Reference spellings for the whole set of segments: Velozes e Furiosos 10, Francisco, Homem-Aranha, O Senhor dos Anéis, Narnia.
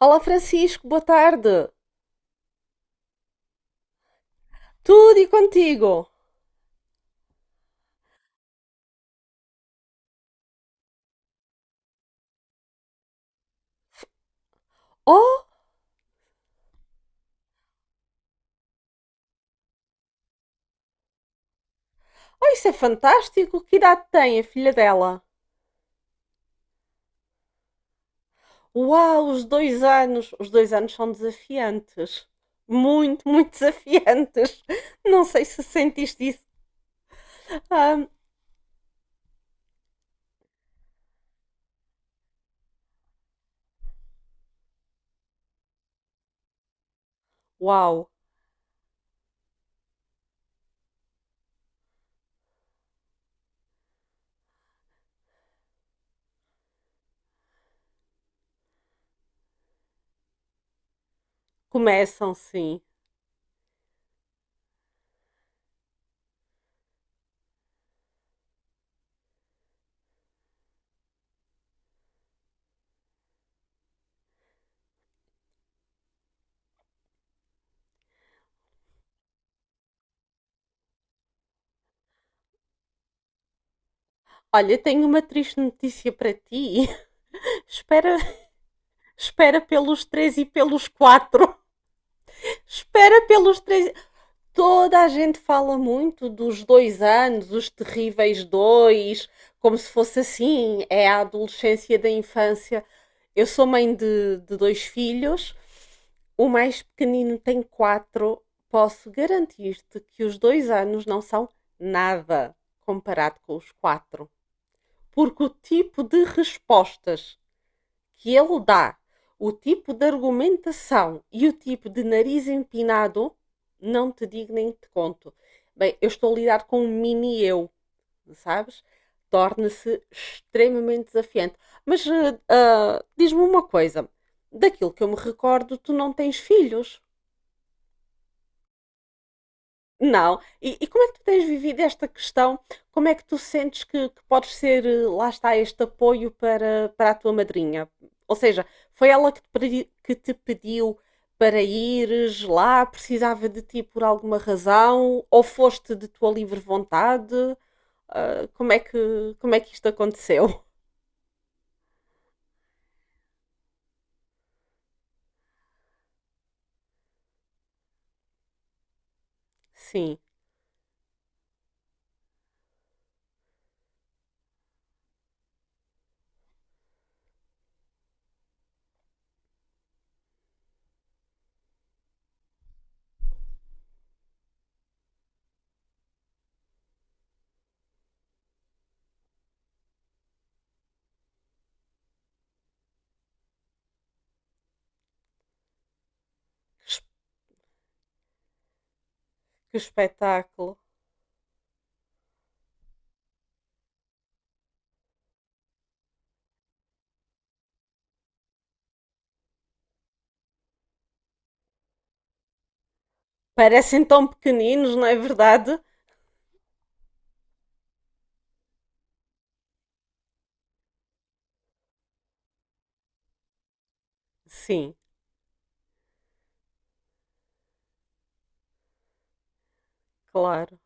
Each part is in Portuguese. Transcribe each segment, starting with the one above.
Olá Francisco, boa tarde. Tudo e contigo? Oh, oh, isso é fantástico. Que idade tem a filha dela? Uau, os 2 anos. Os dois anos são desafiantes. Muito, muito desafiantes. Não sei se sentiste isso. Ah, uau, começam sim. Olha, tenho uma triste notícia para ti. Espera, espera pelos três e pelos quatro. Espera pelos três. Toda a gente fala muito dos dois anos, os terríveis dois, como se fosse assim, é a adolescência da infância. Eu sou mãe de dois filhos, o mais pequenino tem quatro. Posso garantir-te que os dois anos não são nada comparado com os quatro, porque o tipo de respostas que ele dá, o tipo de argumentação e o tipo de nariz empinado, não te digo nem te conto. Bem, eu estou a lidar com um mini eu, sabes? Torna-se extremamente desafiante. Mas diz-me uma coisa: daquilo que eu me recordo, tu não tens filhos. Não. E como é que tu tens vivido esta questão? Como é que tu sentes que podes ser, lá está, este apoio para a tua madrinha? Ou seja, foi ela que te pediu para ires lá, precisava de ti por alguma razão, ou foste de tua livre vontade? Ah, como é que isto aconteceu? Sim, que es- que espetáculo. Parecem tão pequeninos, não é verdade? Sim, claro.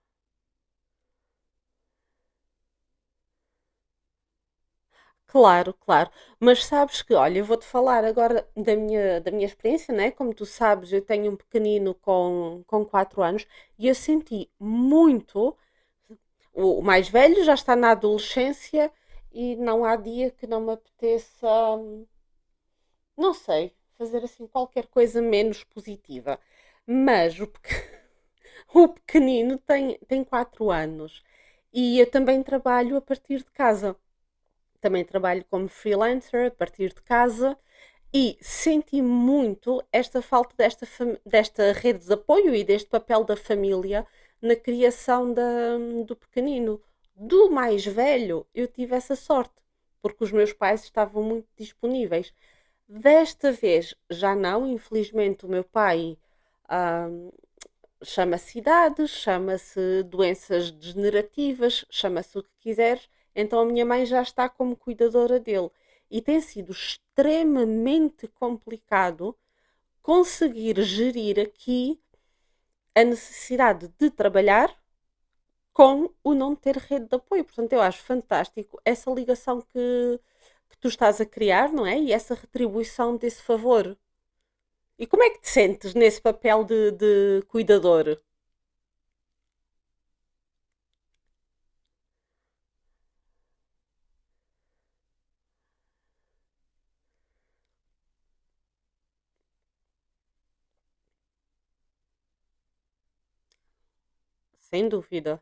Claro, claro. Mas sabes que, olha, eu vou-te falar agora da minha experiência, né? Como tu sabes, eu tenho um pequenino com 4 anos e eu senti muito. O mais velho já está na adolescência e não há dia que não me apeteça, não sei, fazer assim qualquer coisa menos positiva. Mas o pequenino tem 4 anos e eu também trabalho a partir de casa. Também trabalho como freelancer a partir de casa e senti muito esta falta desta rede de apoio e deste papel da família na criação do pequenino. Do mais velho, eu tive essa sorte, porque os meus pais estavam muito disponíveis. Desta vez já não, infelizmente o meu pai ahm, Chama-se idades, chama-se doenças degenerativas, chama-se o que quiseres. Então a minha mãe já está como cuidadora dele. E tem sido extremamente complicado conseguir gerir aqui a necessidade de trabalhar com o não ter rede de apoio. Portanto, eu acho fantástico essa ligação que tu estás a criar, não é? E essa retribuição desse favor. E como é que te sentes nesse papel de cuidador? Sem dúvida,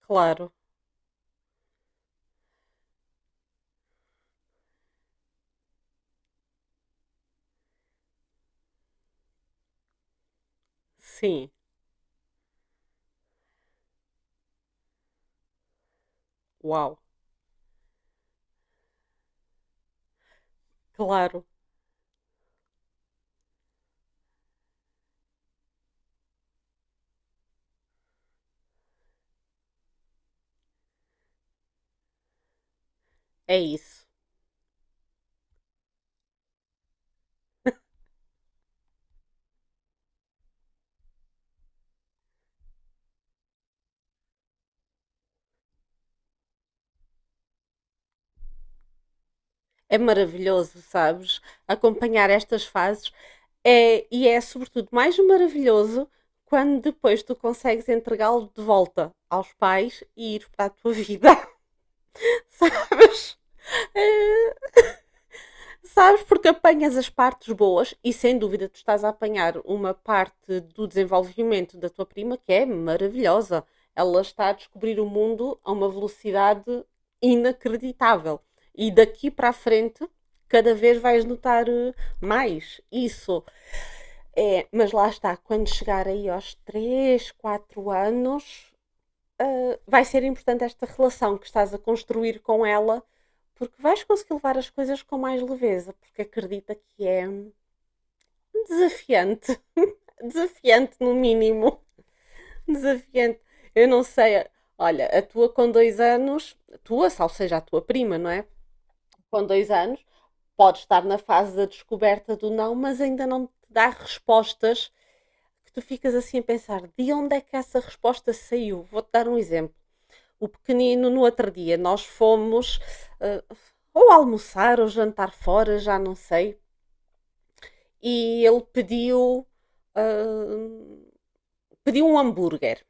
claro. Sim, uau, claro, é isso. É maravilhoso, sabes? Acompanhar estas fases é sobretudo mais maravilhoso quando depois tu consegues entregá-lo de volta aos pais e ir para a tua vida, sabes? É, sabes porque apanhas as partes boas e sem dúvida tu estás a apanhar uma parte do desenvolvimento da tua prima que é maravilhosa. Ela está a descobrir o mundo a uma velocidade inacreditável. E daqui para a frente, cada vez vais notar mais isso. É, mas lá está, quando chegar aí aos 3 4 anos, vai ser importante esta relação que estás a construir com ela, porque vais conseguir levar as coisas com mais leveza, porque acredita que é desafiante, desafiante no mínimo, desafiante. Eu não sei, olha, a tua com dois anos, a tua, ou seja, a tua prima, não é? Com dois anos, pode estar na fase da descoberta do não, mas ainda não te dá respostas que tu ficas assim a pensar de onde é que essa resposta saiu. Vou-te dar um exemplo. O pequenino, no outro dia, nós fomos eh, ou almoçar ou jantar fora, já não sei, e ele eh, pediu um hambúrguer.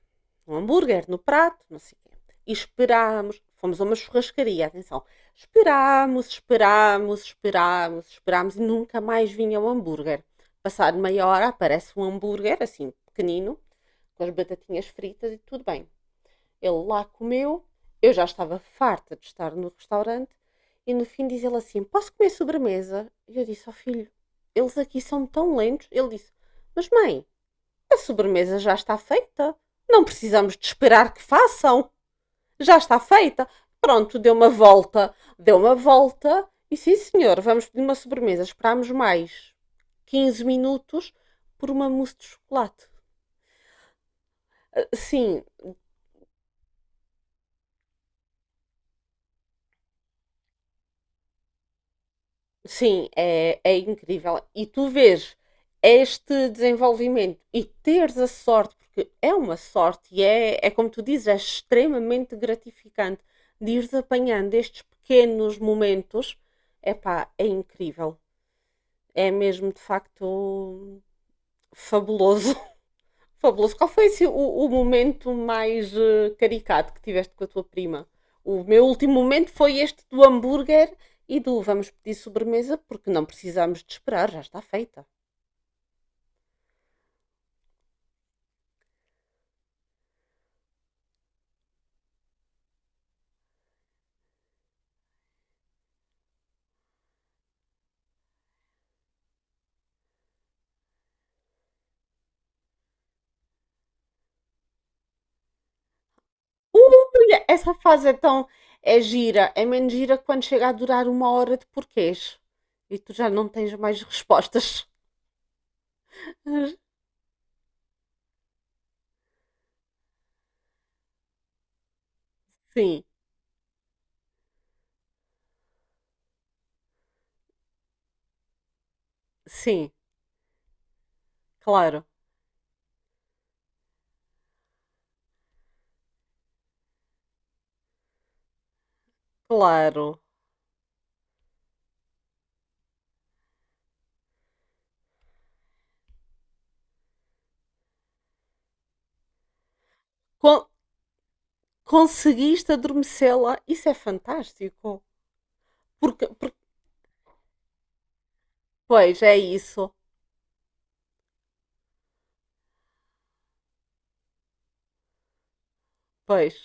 Um hambúrguer no prato, não sei o quê. E esperámos, fomos a uma churrascaria, atenção. Esperámos, esperámos, esperámos, esperámos e nunca mais vinha o hambúrguer. Passado meia hora aparece um hambúrguer, assim, pequenino, com as batatinhas fritas e tudo bem. Ele lá comeu, eu já estava farta de estar no restaurante e no fim diz ele assim: Posso comer sobremesa? E eu disse ao filho: Eles aqui são tão lentos. Ele disse: Mas mãe, a sobremesa já está feita. Não precisamos de esperar que façam. Já está feita. Pronto, deu uma volta. Deu uma volta. E sim, senhor, vamos pedir uma sobremesa. Esperámos mais 15 minutos por uma mousse de chocolate. Ah, sim, sim, é incrível. E tu vês este desenvolvimento e teres a sorte, porque é uma sorte e é como tu dizes, é extremamente gratificante de ires apanhando estes pequenos momentos. Epá, é incrível. É mesmo de facto fabuloso. Fabuloso. Qual foi assim, o momento mais caricato que tiveste com a tua prima? O meu último momento foi este do hambúrguer e do vamos pedir sobremesa porque não precisamos de esperar, já está feita. Ui, essa fase é tão. É gira, é menos gira quando chega a durar uma hora de porquês e tu já não tens mais respostas. Sim, sim, claro, claro. Con- Conseguiste adormecê-la, isso é fantástico. Porque, porque Pois, é isso. Pois.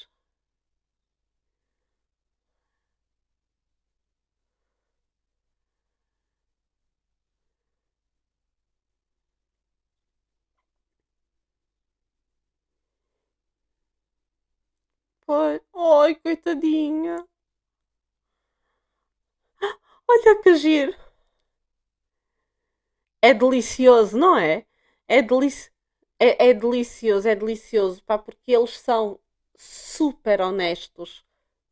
Pois. Ai, coitadinha. Olha que giro. É delicioso, não é? É, delici... é delicioso, é delicioso, pá, porque eles são super honestos.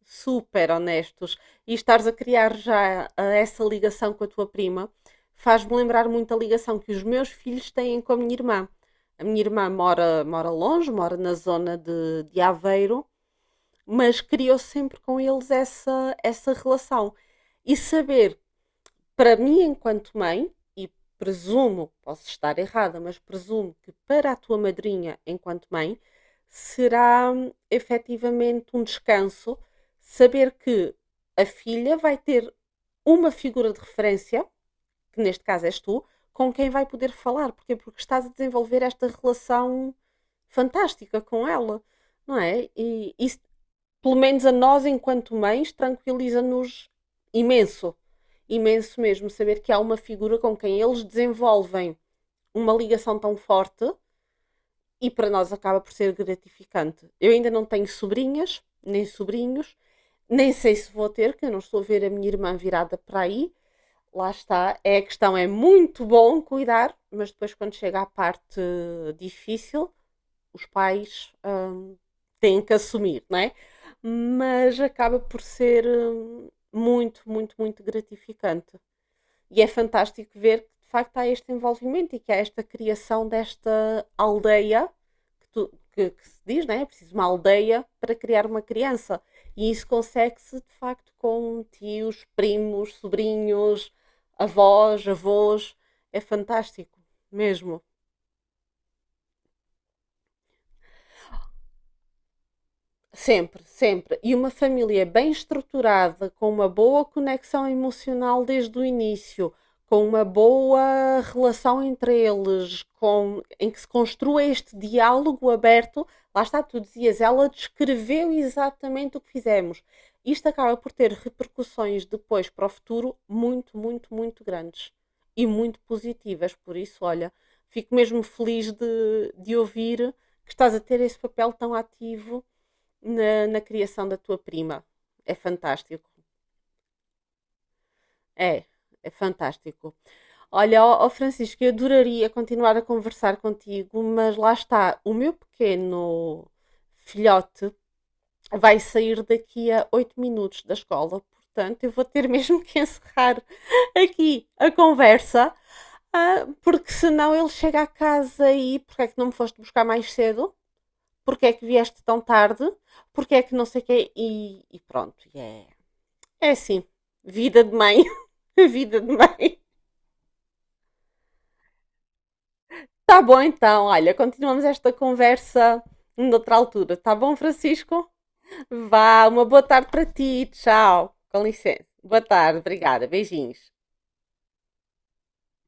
Super honestos. E estares a criar já essa ligação com a tua prima faz-me lembrar muito a ligação que os meus filhos têm com a minha irmã. A minha irmã mora, mora longe, mora na zona de Aveiro mas criou sempre com eles essa relação. E saber, para mim, enquanto mãe, e presumo, posso estar errada, mas presumo que para a tua madrinha, enquanto mãe, será efetivamente um descanso saber que a filha vai ter uma figura de referência, que neste caso és tu, com quem vai poder falar. Porquê? Porque estás a desenvolver esta relação fantástica com ela, não é? E isso pelo menos a nós, enquanto mães, tranquiliza-nos imenso. Imenso mesmo saber que há uma figura com quem eles desenvolvem uma ligação tão forte e para nós acaba por ser gratificante. Eu ainda não tenho sobrinhas, nem sobrinhos, nem sei se vou ter, que eu não estou a ver a minha irmã virada para aí. Lá está, é a questão, é muito bom cuidar, mas depois quando chega à parte difícil, os pais têm que assumir, não é? Mas acaba por ser muito, muito, muito gratificante. E é fantástico ver que de facto há este envolvimento e que há esta criação desta aldeia que se diz, não é? É preciso uma aldeia para criar uma criança. E isso consegue-se de facto com tios, primos, sobrinhos, avós, avós. É fantástico, mesmo. Sempre, sempre. E uma família bem estruturada, com uma boa conexão emocional desde o início, com uma boa relação entre eles, em que se construa este diálogo aberto. Lá está, tu dizias, ela descreveu exatamente o que fizemos. Isto acaba por ter repercussões depois para o futuro muito, muito, muito grandes e muito positivas. Por isso, olha, fico mesmo feliz de ouvir que estás a ter esse papel tão ativo na criação da tua prima. É fantástico. É, é fantástico. Olha, ó, ó Francisco, eu adoraria continuar a conversar contigo, mas lá está, o meu pequeno filhote vai sair daqui a 8 minutos da escola, portanto, eu vou ter mesmo que encerrar aqui a conversa, porque senão ele chega a casa e porque é que não me foste buscar mais cedo? Porque é que vieste tão tarde? Porque é que não sei o quê? E pronto, e é Yeah. É assim, vida de mãe, vida de mãe. Tá bom então, olha, continuamos esta conversa noutra altura. Tá bom, Francisco? Vá, uma boa tarde para ti, tchau. Com licença. Boa tarde, obrigada, beijinhos.